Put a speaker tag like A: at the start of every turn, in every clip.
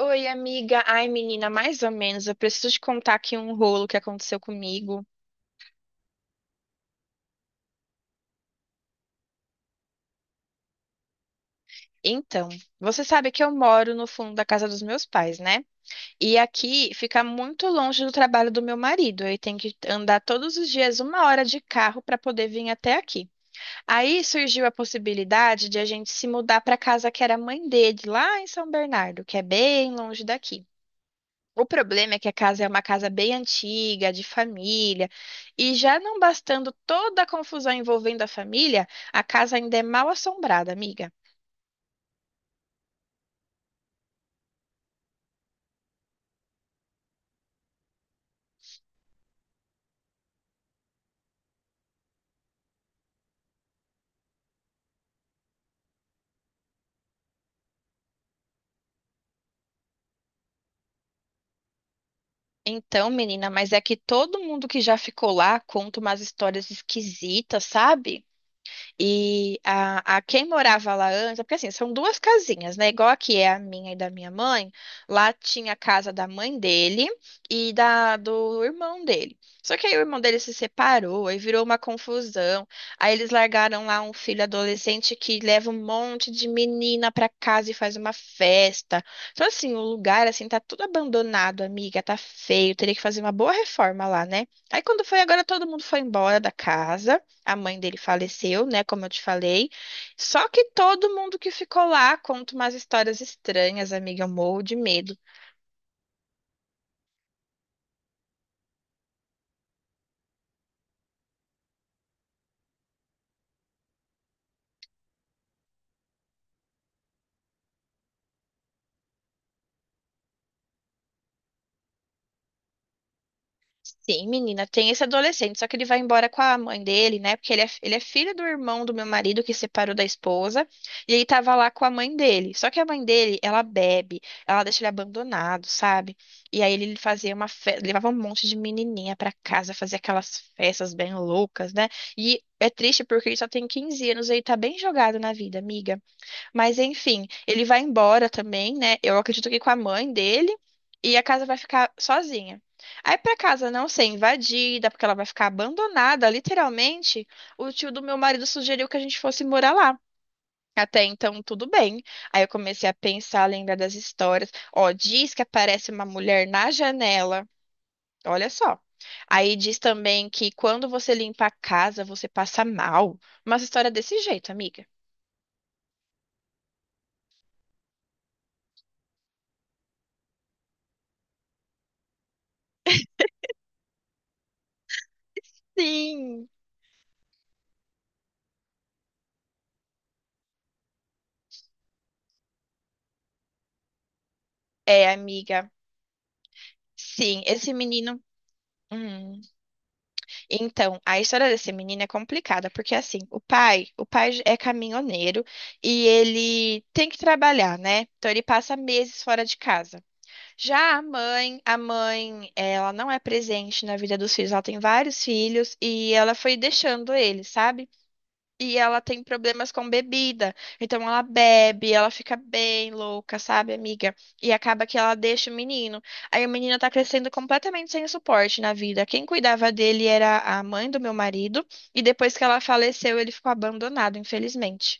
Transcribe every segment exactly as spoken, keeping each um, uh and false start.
A: Oi, amiga. Ai, menina, mais ou menos. Eu preciso te contar aqui um rolo que aconteceu comigo. Então, você sabe que eu moro no fundo da casa dos meus pais, né? E aqui fica muito longe do trabalho do meu marido. Ele tem que andar todos os dias uma hora de carro para poder vir até aqui. Aí surgiu a possibilidade de a gente se mudar para a casa que era a mãe dele, lá em São Bernardo, que é bem longe daqui. O problema é que a casa é uma casa bem antiga, de família, e já não bastando toda a confusão envolvendo a família, a casa ainda é mal assombrada, amiga. Então, menina, mas é que todo mundo que já ficou lá conta umas histórias esquisitas, sabe? E a, a quem morava lá antes, porque assim, são duas casinhas, né? Igual aqui é a minha e da minha mãe, lá tinha a casa da mãe dele e da do irmão dele. Só que aí o irmão dele se separou, aí virou uma confusão. Aí eles largaram lá um filho adolescente que leva um monte de menina pra casa e faz uma festa. Então assim, o lugar assim tá tudo abandonado, amiga, tá feio, teria que fazer uma boa reforma lá, né? Aí quando foi agora todo mundo foi embora da casa. A mãe dele faleceu, né? Como eu te falei. Só que todo mundo que ficou lá conta umas histórias estranhas, amiga. Eu morro de medo. Sim, menina, tem esse adolescente, só que ele vai embora com a mãe dele, né? Porque ele é, ele é filho do irmão do meu marido que separou da esposa, e ele tava lá com a mãe dele. Só que a mãe dele, ela bebe, ela deixa ele abandonado, sabe? E aí ele fazia uma festa, levava um monte de menininha pra casa, fazia aquelas festas bem loucas, né? E é triste porque ele só tem quinze anos e ele tá bem jogado na vida, amiga. Mas enfim, ele vai embora também, né? Eu acredito que com a mãe dele e a casa vai ficar sozinha. Aí pra casa não ser invadida, porque ela vai ficar abandonada, literalmente, o tio do meu marido sugeriu que a gente fosse morar lá. Até então, tudo bem. Aí eu comecei a pensar, a lembrar das histórias. Ó, diz que aparece uma mulher na janela. Olha só. Aí diz também que quando você limpa a casa, você passa mal. Uma história desse jeito, amiga. Sim. É, amiga. Sim, esse menino. Hum. Então, a história desse menino é complicada, porque assim, o pai, o pai é caminhoneiro e ele tem que trabalhar, né? Então ele passa meses fora de casa. Já a mãe, a mãe, ela não é presente na vida dos filhos, ela tem vários filhos e ela foi deixando ele, sabe? E ela tem problemas com bebida. Então ela bebe, ela fica bem louca, sabe, amiga? E acaba que ela deixa o menino. Aí o menino tá crescendo completamente sem suporte na vida. Quem cuidava dele era a mãe do meu marido. E depois que ela faleceu, ele ficou abandonado, infelizmente.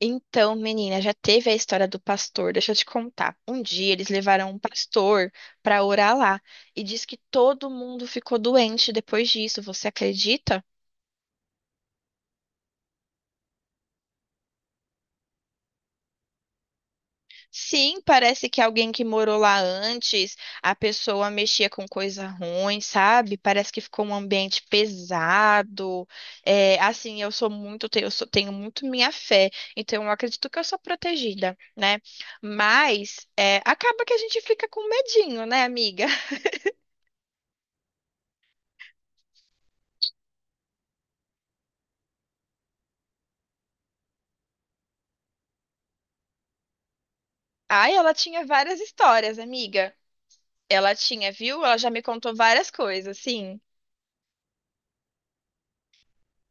A: Então, menina, já teve a história do pastor. Deixa eu te contar. Um dia eles levaram um pastor pra orar lá. E diz que todo mundo ficou doente depois disso. Você acredita? Sim, parece que alguém que morou lá antes, a pessoa mexia com coisa ruim, sabe? Parece que ficou um ambiente pesado. É, assim, eu sou muito, eu sou- tenho muito minha fé, então eu acredito que eu sou protegida, né? Mas é, acaba que a gente fica com medinho, né, amiga? Ai, ela tinha várias histórias, amiga. Ela tinha, viu? Ela já me contou várias coisas, sim.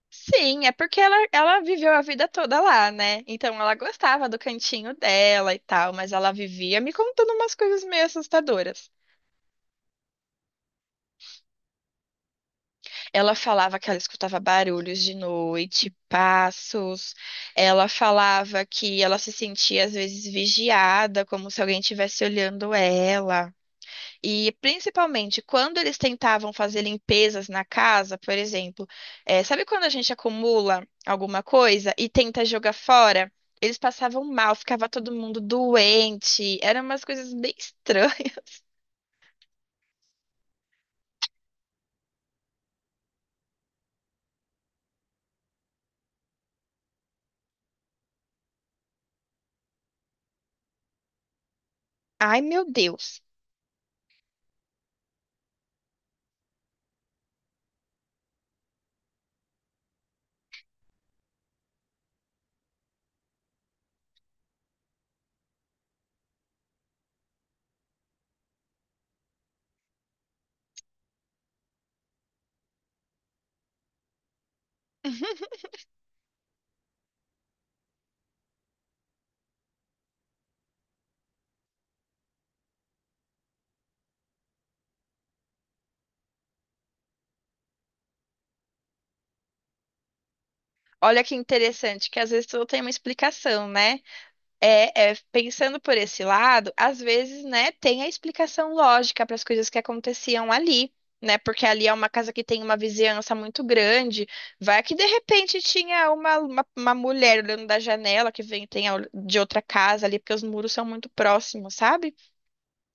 A: Sim, é porque ela, ela viveu a vida toda lá, né? Então ela gostava do cantinho dela e tal, mas ela vivia me contando umas coisas meio assustadoras. Ela falava que ela escutava barulhos de noite, passos. Ela falava que ela se sentia às vezes vigiada, como se alguém estivesse olhando ela. E principalmente quando eles tentavam fazer limpezas na casa, por exemplo, eh, sabe quando a gente acumula alguma coisa e tenta jogar fora? Eles passavam mal, ficava todo mundo doente, eram umas coisas bem estranhas. Ai, meu Deus. Olha que interessante, que às vezes tudo tem uma explicação, né? É, é, pensando por esse lado, às vezes, né, tem a explicação lógica para as coisas que aconteciam ali, né? Porque ali é uma casa que tem uma vizinhança muito grande. Vai que de repente tinha uma, uma, uma mulher olhando da janela que vem tem a- de outra casa ali, porque os muros são muito próximos, sabe?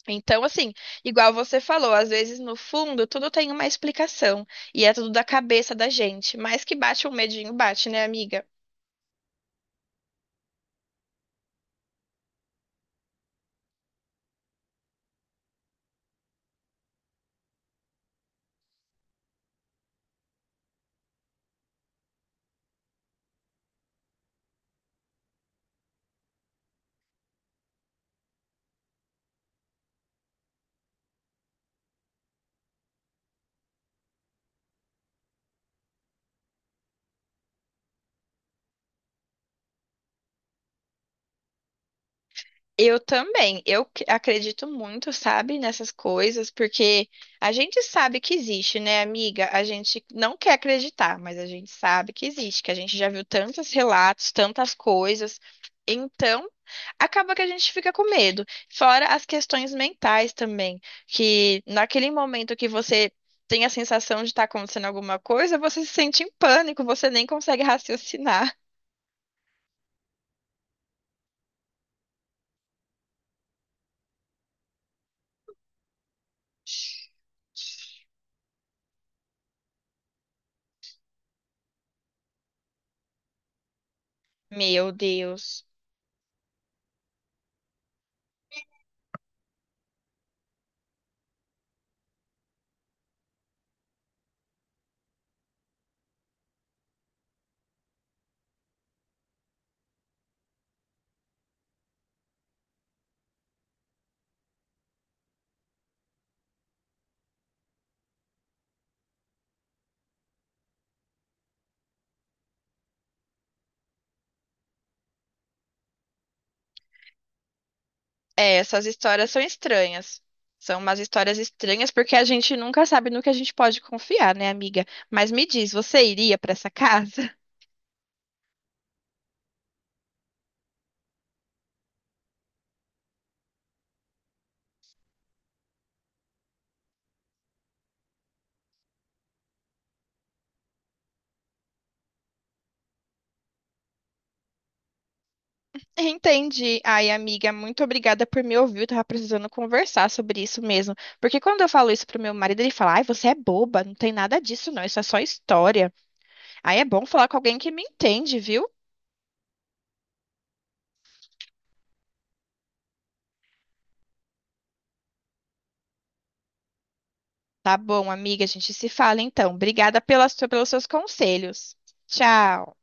A: Então, assim, igual você falou, às vezes no fundo tudo tem uma explicação e é tudo da cabeça da gente, mas que bate um medinho, bate, né, amiga? Eu também. Eu c- acredito muito, sabe, nessas coisas, porque a gente sabe que existe, né, amiga? A gente não quer acreditar, mas a gente sabe que existe, que a gente já viu tantos relatos, tantas coisas. Então, acaba que a gente fica com medo. Fora as questões mentais também, que naquele momento que você tem a sensação de estar acontecendo alguma coisa, você se sente em pânico, você nem consegue raciocinar. Meu Deus. É, essas histórias são estranhas. São umas histórias estranhas porque a gente nunca sabe no que a gente pode confiar, né, amiga? Mas me diz, você iria pra essa casa? Entendi. Ai, amiga, muito obrigada por me ouvir. Eu tava precisando conversar sobre isso mesmo. Porque quando eu falo isso pro meu marido, ele fala: Ai, você é boba, não tem nada disso, não. Isso é só história. Aí é bom falar com alguém que me entende, viu? Tá bom, amiga, a gente se fala então. Obrigada pelas, pelos seus conselhos. Tchau.